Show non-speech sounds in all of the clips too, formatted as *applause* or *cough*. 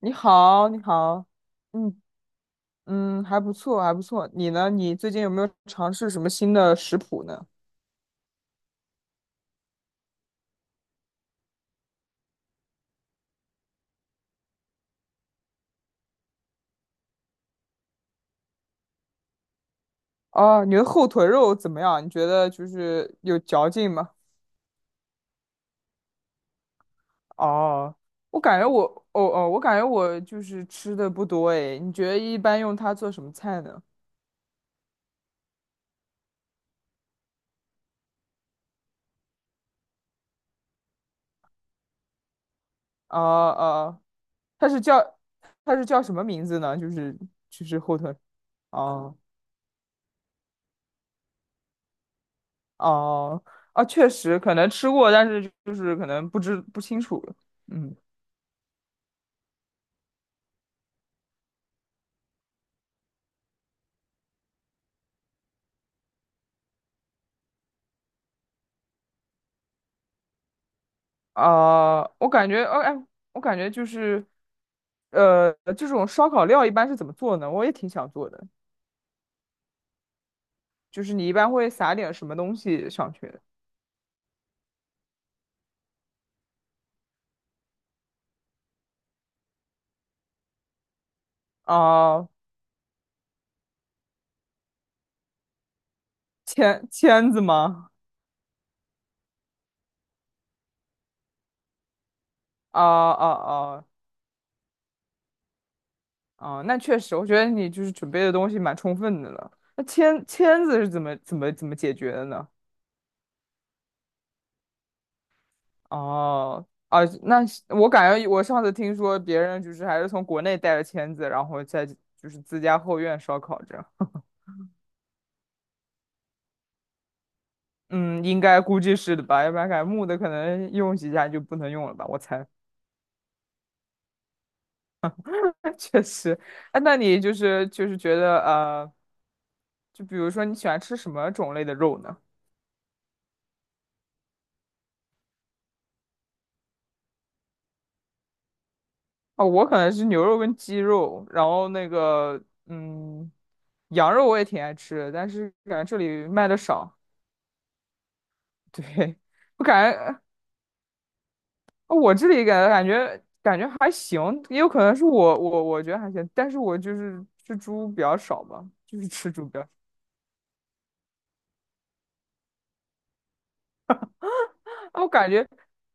你好，你好，嗯嗯，还不错，还不错。你呢？你最近有没有尝试什么新的食谱呢？哦，你的后腿肉怎么样？你觉得就是有嚼劲吗？哦，我感觉我就是吃的不多诶。你觉得一般用它做什么菜呢？哦哦，它是叫它是叫什么名字呢？就是后腿。哦哦啊，确实可能吃过，但是就是可能不清楚了。嗯。啊、我感觉就是，呃，这种烧烤料一般是怎么做呢？我也挺想做的，就是你一般会撒点什么东西上去？啊、签子吗？啊啊啊啊！那确实，我觉得你就是准备的东西蛮充分的了。那签子是怎么解决的呢？哦、啊，那是我感觉我上次听说别人就是还是从国内带了签子，然后在就是自家后院烧烤这样。嗯，应该估计是的吧，要不然感觉木的可能用几下就不能用了吧，我猜。*laughs* 确实，哎，那你就是觉得，就比如说你喜欢吃什么种类的肉呢？哦，我可能是牛肉跟鸡肉，然后那个嗯，羊肉我也挺爱吃的，但是感觉这里卖的少。*laughs* 对，我感觉我这里感觉还行，也有可能是我觉得还行，但是我就是吃猪比较少吧，就是吃猪比较。啊我感觉，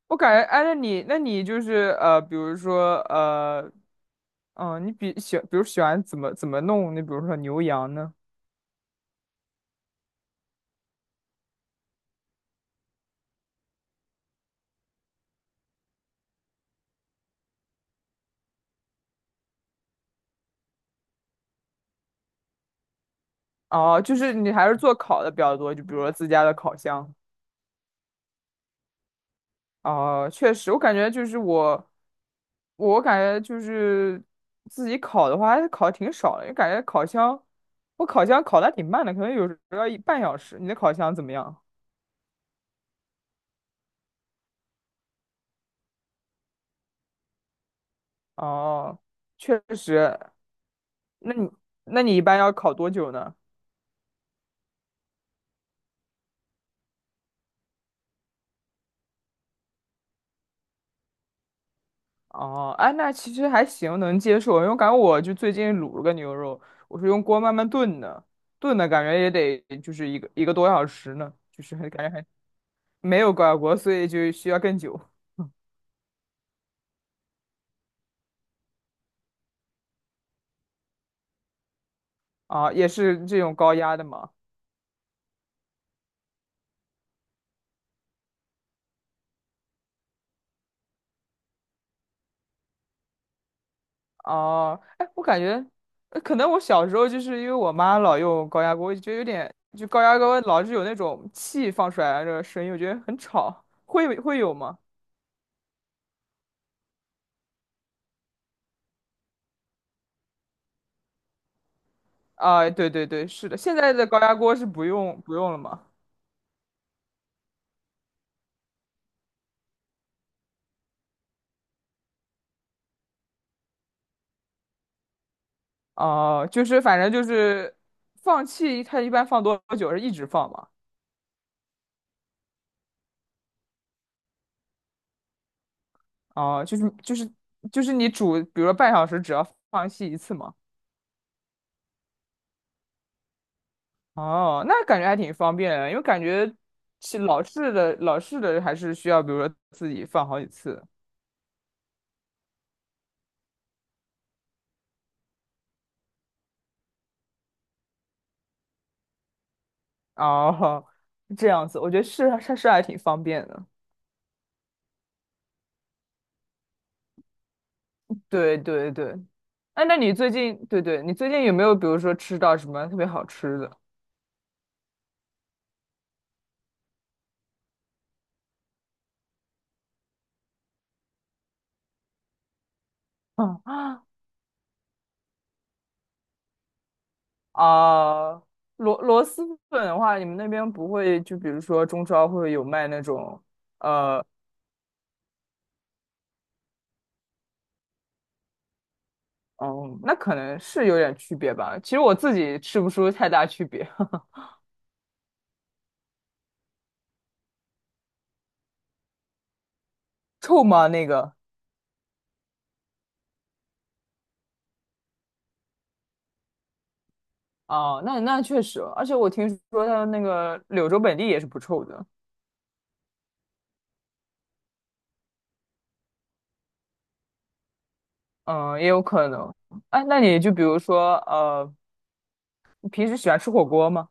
我感觉，哎，那你就是，比如说，你比喜，比如喜欢怎么弄？你比如说牛羊呢？哦，就是你还是做烤的比较多，就比如说自家的烤箱。哦，确实，我感觉就是自己烤的话，还是烤的挺少的，因为感觉烤箱，我烤箱烤的还挺慢的，可能有时候要一半小时。你的烤箱怎么样？哦，确实，那你那你一般要烤多久呢？哦，哎，那其实还行，能接受，因为感觉我就最近卤了个牛肉，我是用锅慢慢炖的，炖的感觉也得就是一个多小时呢，就是很感觉还没有高压锅，所以就需要更久。*laughs* 啊，也是这种高压的嘛。哦，哎，我感觉，可能我小时候就是因为我妈老用高压锅，我就觉得有点，就高压锅老是有那种气放出来的那个声音，我觉得很吵。会有吗？啊，对对对，是的，现在的高压锅是不用了吗？哦、就是反正就是放气，它一般放多久是一直放嘛？哦、就是你煮，比如说半小时，只要放气一次嘛。哦，那感觉还挺方便的，因为感觉是老式的还是需要，比如说自己放好几次。哦，这样子，我觉得是还挺方便的。对对对，哎，那你最近对对，你最近有没有比如说吃到什么特别好吃的？*laughs* 嗯啊，螺蛳粉的话，你们那边不会就比如说中超会有卖那种。呃，嗯，那可能是有点区别吧。其实我自己吃不出太大区别。*laughs* 臭吗？那个啊，那确实，而且我听说它那个柳州本地也是不臭的。嗯，也有可能。哎，那你就比如说，你平时喜欢吃火锅吗？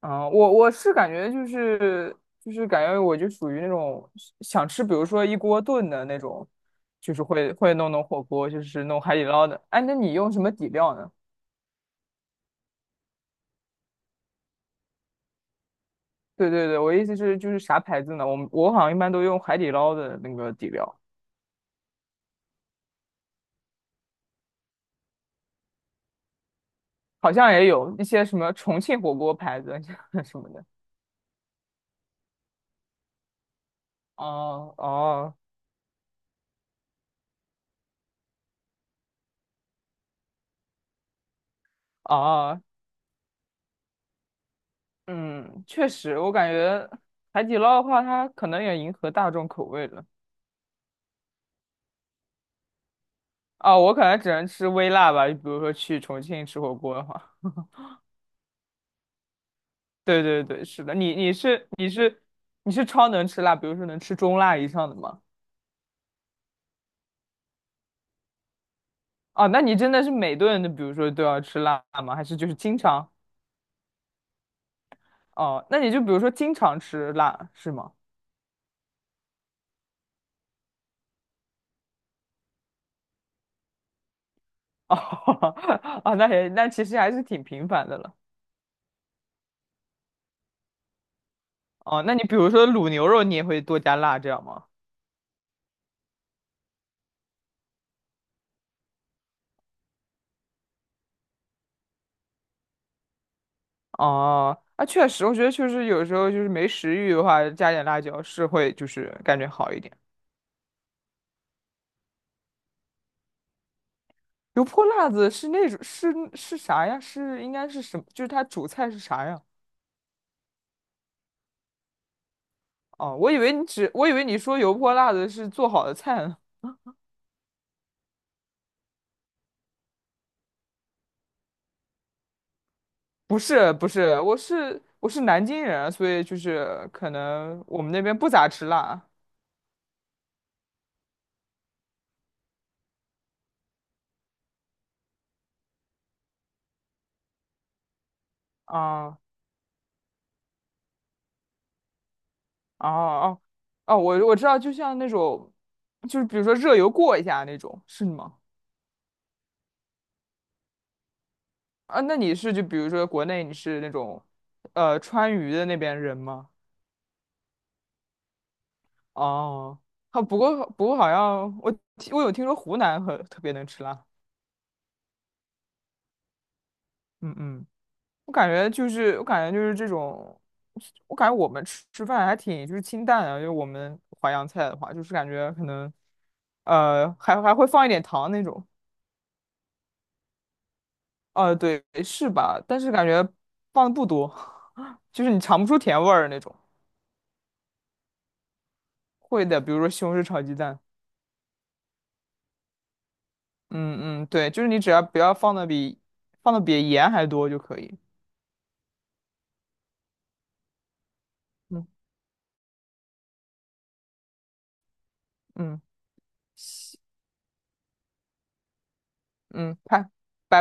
啊，我是感觉就是感觉我就属于那种想吃，比如说一锅炖的那种，就是会弄火锅，就是弄海底捞的。哎，那你用什么底料呢？对对对，我意思是就是啥牌子呢？我好像一般都用海底捞的那个底料。好像也有一些什么重庆火锅牌子 *laughs* 什么的。哦哦哦，嗯，确实，我感觉海底捞的话，它可能也迎合大众口味了。哦，我可能只能吃微辣吧，比如说去重庆吃火锅的话。对对对，是的，你是超能吃辣，比如说能吃中辣以上的吗？哦，那你真的是每顿都，比如说都要吃辣吗？还是就是经常？哦，那你就比如说经常吃辣是吗？哦。*laughs* 啊，那其实还是挺频繁的了。哦，那你比如说卤牛肉，你也会多加辣这样吗？哦，啊，确实，我觉得确实有时候就是没食欲的话，加点辣椒是会就是感觉好一点。油泼辣子是那种是啥呀？是应该是什么？就是它主菜是啥呀？哦，我以为你说油泼辣子是做好的菜呢。*laughs* 不是不是，我是南京人啊，所以就是可能我们那边不咋吃辣啊。哦哦哦，我知道，就像那种就是比如说热油过一下那种，是吗？啊，那你是就比如说国内你是那种川渝的那边人吗？哦，好，不过好像我有听说湖南很特别能吃辣。嗯嗯，我感觉就是我感觉就是这种，我感觉我们吃饭还挺就是清淡的，就我们淮扬菜的话，就是感觉可能还会放一点糖那种。对是吧？但是感觉放的不多。*laughs* 就是你尝不出甜味儿那种。会的，比如说西红柿炒鸡蛋。嗯嗯对，就是你只要不要放的比盐还多就可以。嗯嗯。嗯，看。拜。